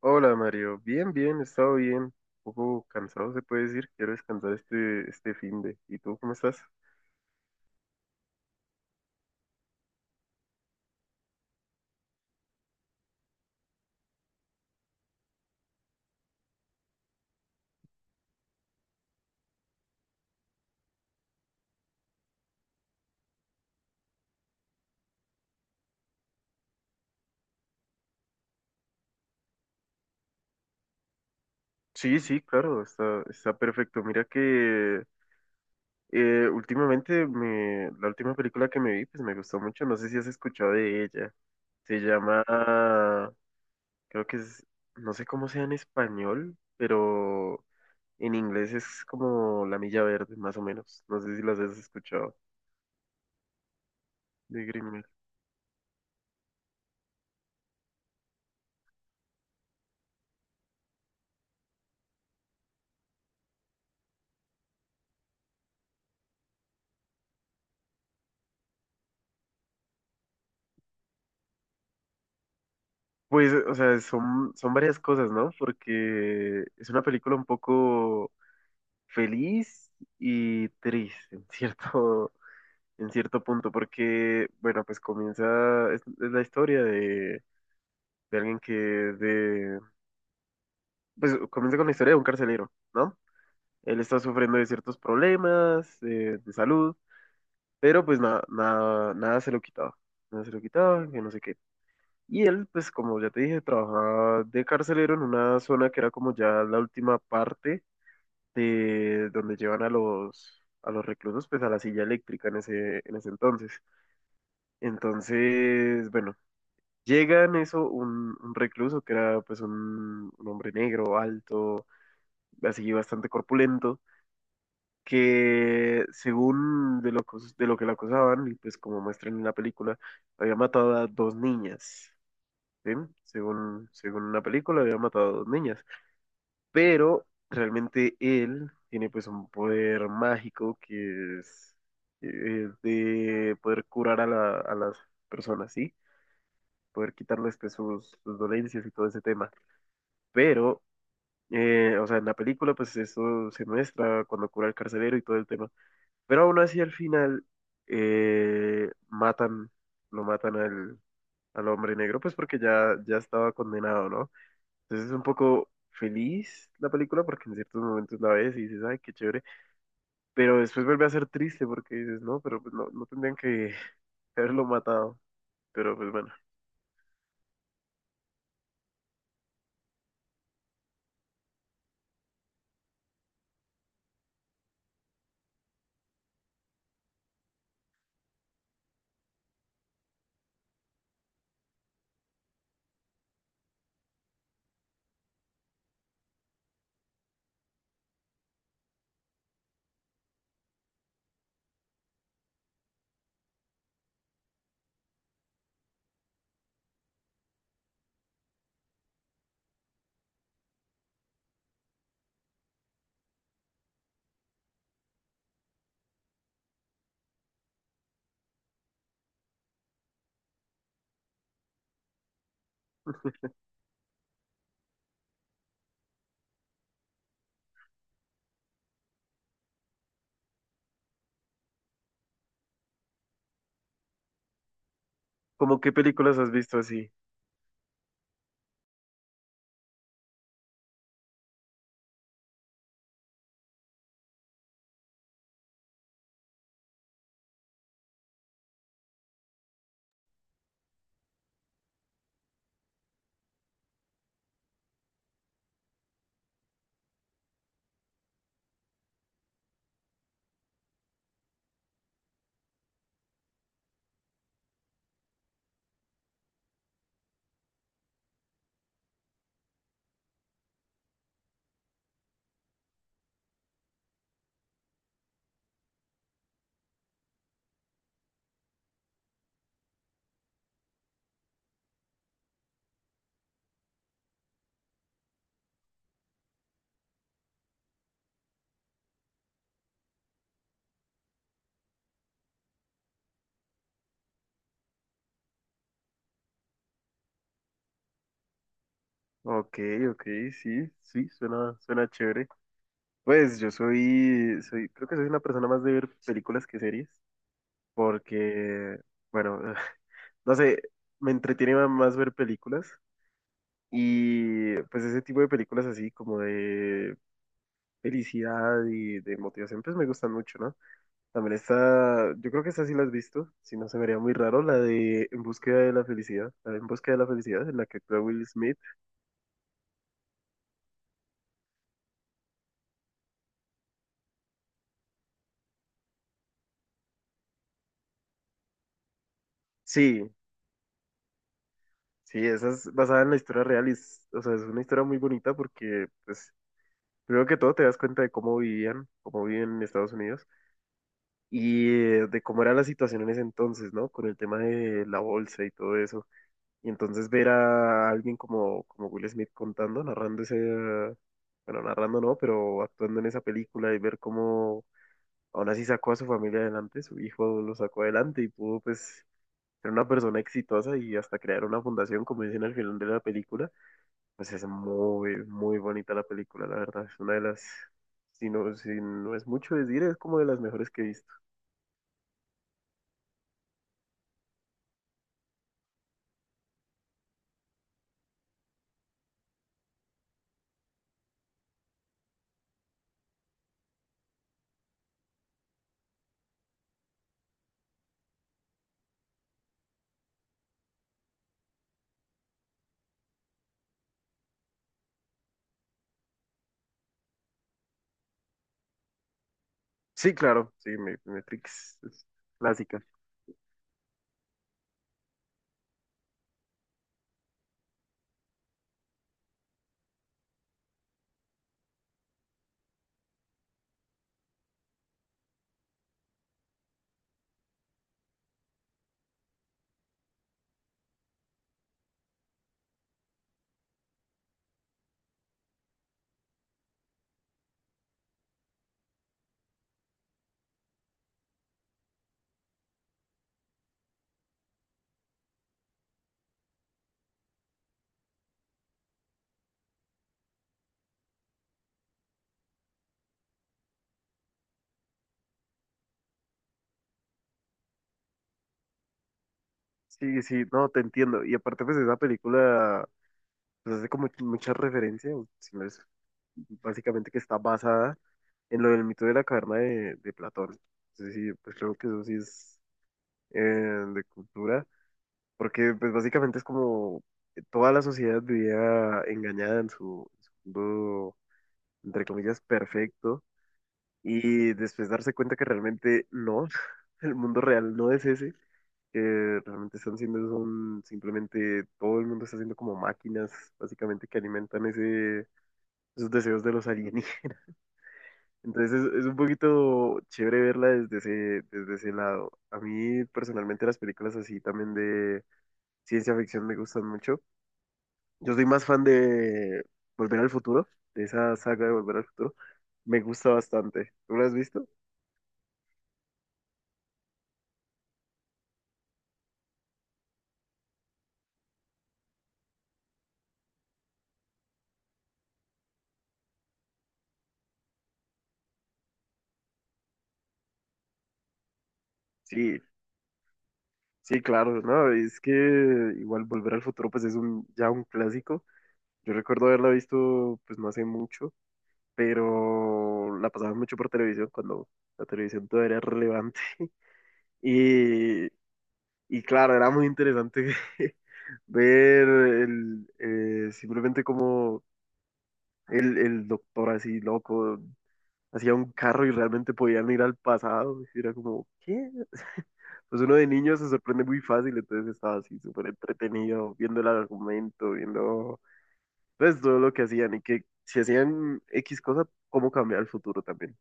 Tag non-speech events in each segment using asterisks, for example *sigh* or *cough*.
Hola Mario, bien, bien, he estado bien, un poco cansado se puede decir, quiero descansar este fin de. ¿Y tú cómo estás? Sí, sí, claro, está perfecto. Mira que últimamente me, la última película que me vi, pues me gustó mucho, no sé si has escuchado de ella. Se llama, creo que es, No sé cómo sea en español, pero en inglés es como La Milla Verde, más o menos. No sé si las has escuchado de Green Mile. Pues, o sea, son varias cosas, ¿no? Porque es una película un poco feliz y triste, *laughs* en cierto punto, porque, bueno, es la historia de, de alguien que, de, pues comienza con la historia de un carcelero, ¿no? Él está sufriendo de ciertos problemas de salud, pero pues nada se lo quitaba, nada se lo quitaba, que no sé qué. Y él, pues como ya te dije, trabajaba de carcelero en una zona que era como ya la última parte de donde llevan a los reclusos, pues a la silla eléctrica en ese entonces. Entonces, bueno, llega en eso un recluso que era pues un hombre negro, alto, así bastante corpulento, que según de lo que lo acusaban, y pues como muestran en la película, había matado a dos niñas. ¿Sí? Según, según una película, había matado a dos niñas. Pero realmente él tiene pues un poder mágico de poder curar a, a las personas, ¿sí? Poder quitarles pues, sus dolencias y todo ese tema. Pero, o sea, en la película pues eso se muestra cuando cura al carcelero y todo el tema. Pero aún así al final matan, lo matan al, al hombre negro pues porque ya, ya estaba condenado, ¿no? Entonces es un poco feliz la película porque en ciertos momentos la ves y dices, ay, qué chévere, pero después vuelve a ser triste porque dices, no, pero pues no, no tendrían que *laughs* haberlo matado. Pero pues bueno, ¿cómo qué películas has visto así? Ok, ok, sí, sí, suena, suena chévere. Pues yo creo que soy una persona más de ver películas que series, porque, bueno, *laughs* no sé, me entretiene más ver películas y pues ese tipo de películas así como de felicidad y de motivación, pues me gustan mucho, ¿no? También está, yo creo que esta sí la has visto, si no se me haría muy raro, la de En búsqueda de la felicidad, en la que actúa Will Smith. Sí, sí, esa es basada en la historia real y es, o sea, es una historia muy bonita porque, pues, primero que todo te das cuenta de cómo vivían, cómo viven en Estados Unidos y de cómo era la situación en ese entonces, ¿no? Con el tema de la bolsa y todo eso. Y entonces ver a alguien como Will Smith contando, narrando ese, bueno, narrando no, pero actuando en esa película y ver cómo aún así sacó a su familia adelante, su hijo lo sacó adelante y pudo pues ser una persona exitosa y hasta crear una fundación, como dicen al final de la película, pues es muy, muy bonita la película, la verdad, es una de las, si no, si no es mucho decir, es como de las mejores que he visto. Sí, claro, sí, Matrix es clásica. Sí, sí, no, te entiendo. Y aparte, pues esa película pues hace como mucha referencia, o si no es básicamente que está basada en lo del mito de la caverna de Platón. Entonces sí, pues creo que eso sí es de cultura, porque pues básicamente es como toda la sociedad vivía engañada en su mundo, entre comillas, perfecto, y después darse cuenta que realmente no, *laughs* el mundo real no es ese. Que realmente están siendo son simplemente todo el mundo está haciendo como máquinas básicamente que alimentan ese esos deseos de los alienígenas. *laughs* Entonces es un poquito chévere verla desde desde ese lado. A mí personalmente las películas así también de ciencia ficción me gustan mucho. Yo soy más fan de Volver al Futuro, de esa saga de Volver al Futuro. Me gusta bastante. ¿Tú la has visto? Sí, sí, claro, ¿no? Es que igual Volver al Futuro pues es un, ya un clásico. Yo recuerdo haberla visto pues no hace mucho, pero la pasaba mucho por televisión cuando la televisión todavía era relevante. *laughs* Y, y claro, era muy interesante *laughs* ver el, simplemente como el doctor así loco hacía un carro y realmente podían ir al pasado. Y era como, ¿qué? *laughs* Pues uno de niño se sorprende muy fácil, entonces estaba así súper entretenido viendo el argumento, viendo pues todo lo que hacían y que si hacían X cosa, cómo cambiar el futuro también.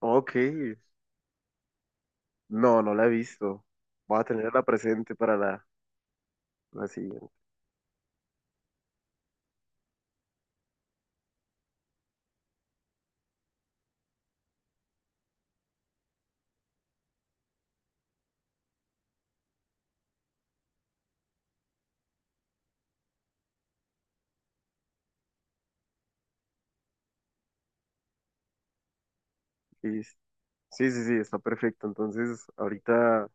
Ok, no, no la he visto. Voy a tenerla presente para la siguiente. Sí, sí, sí, está perfecto. Entonces, ahorita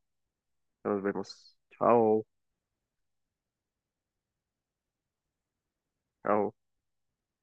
nos vemos. Chao, chao.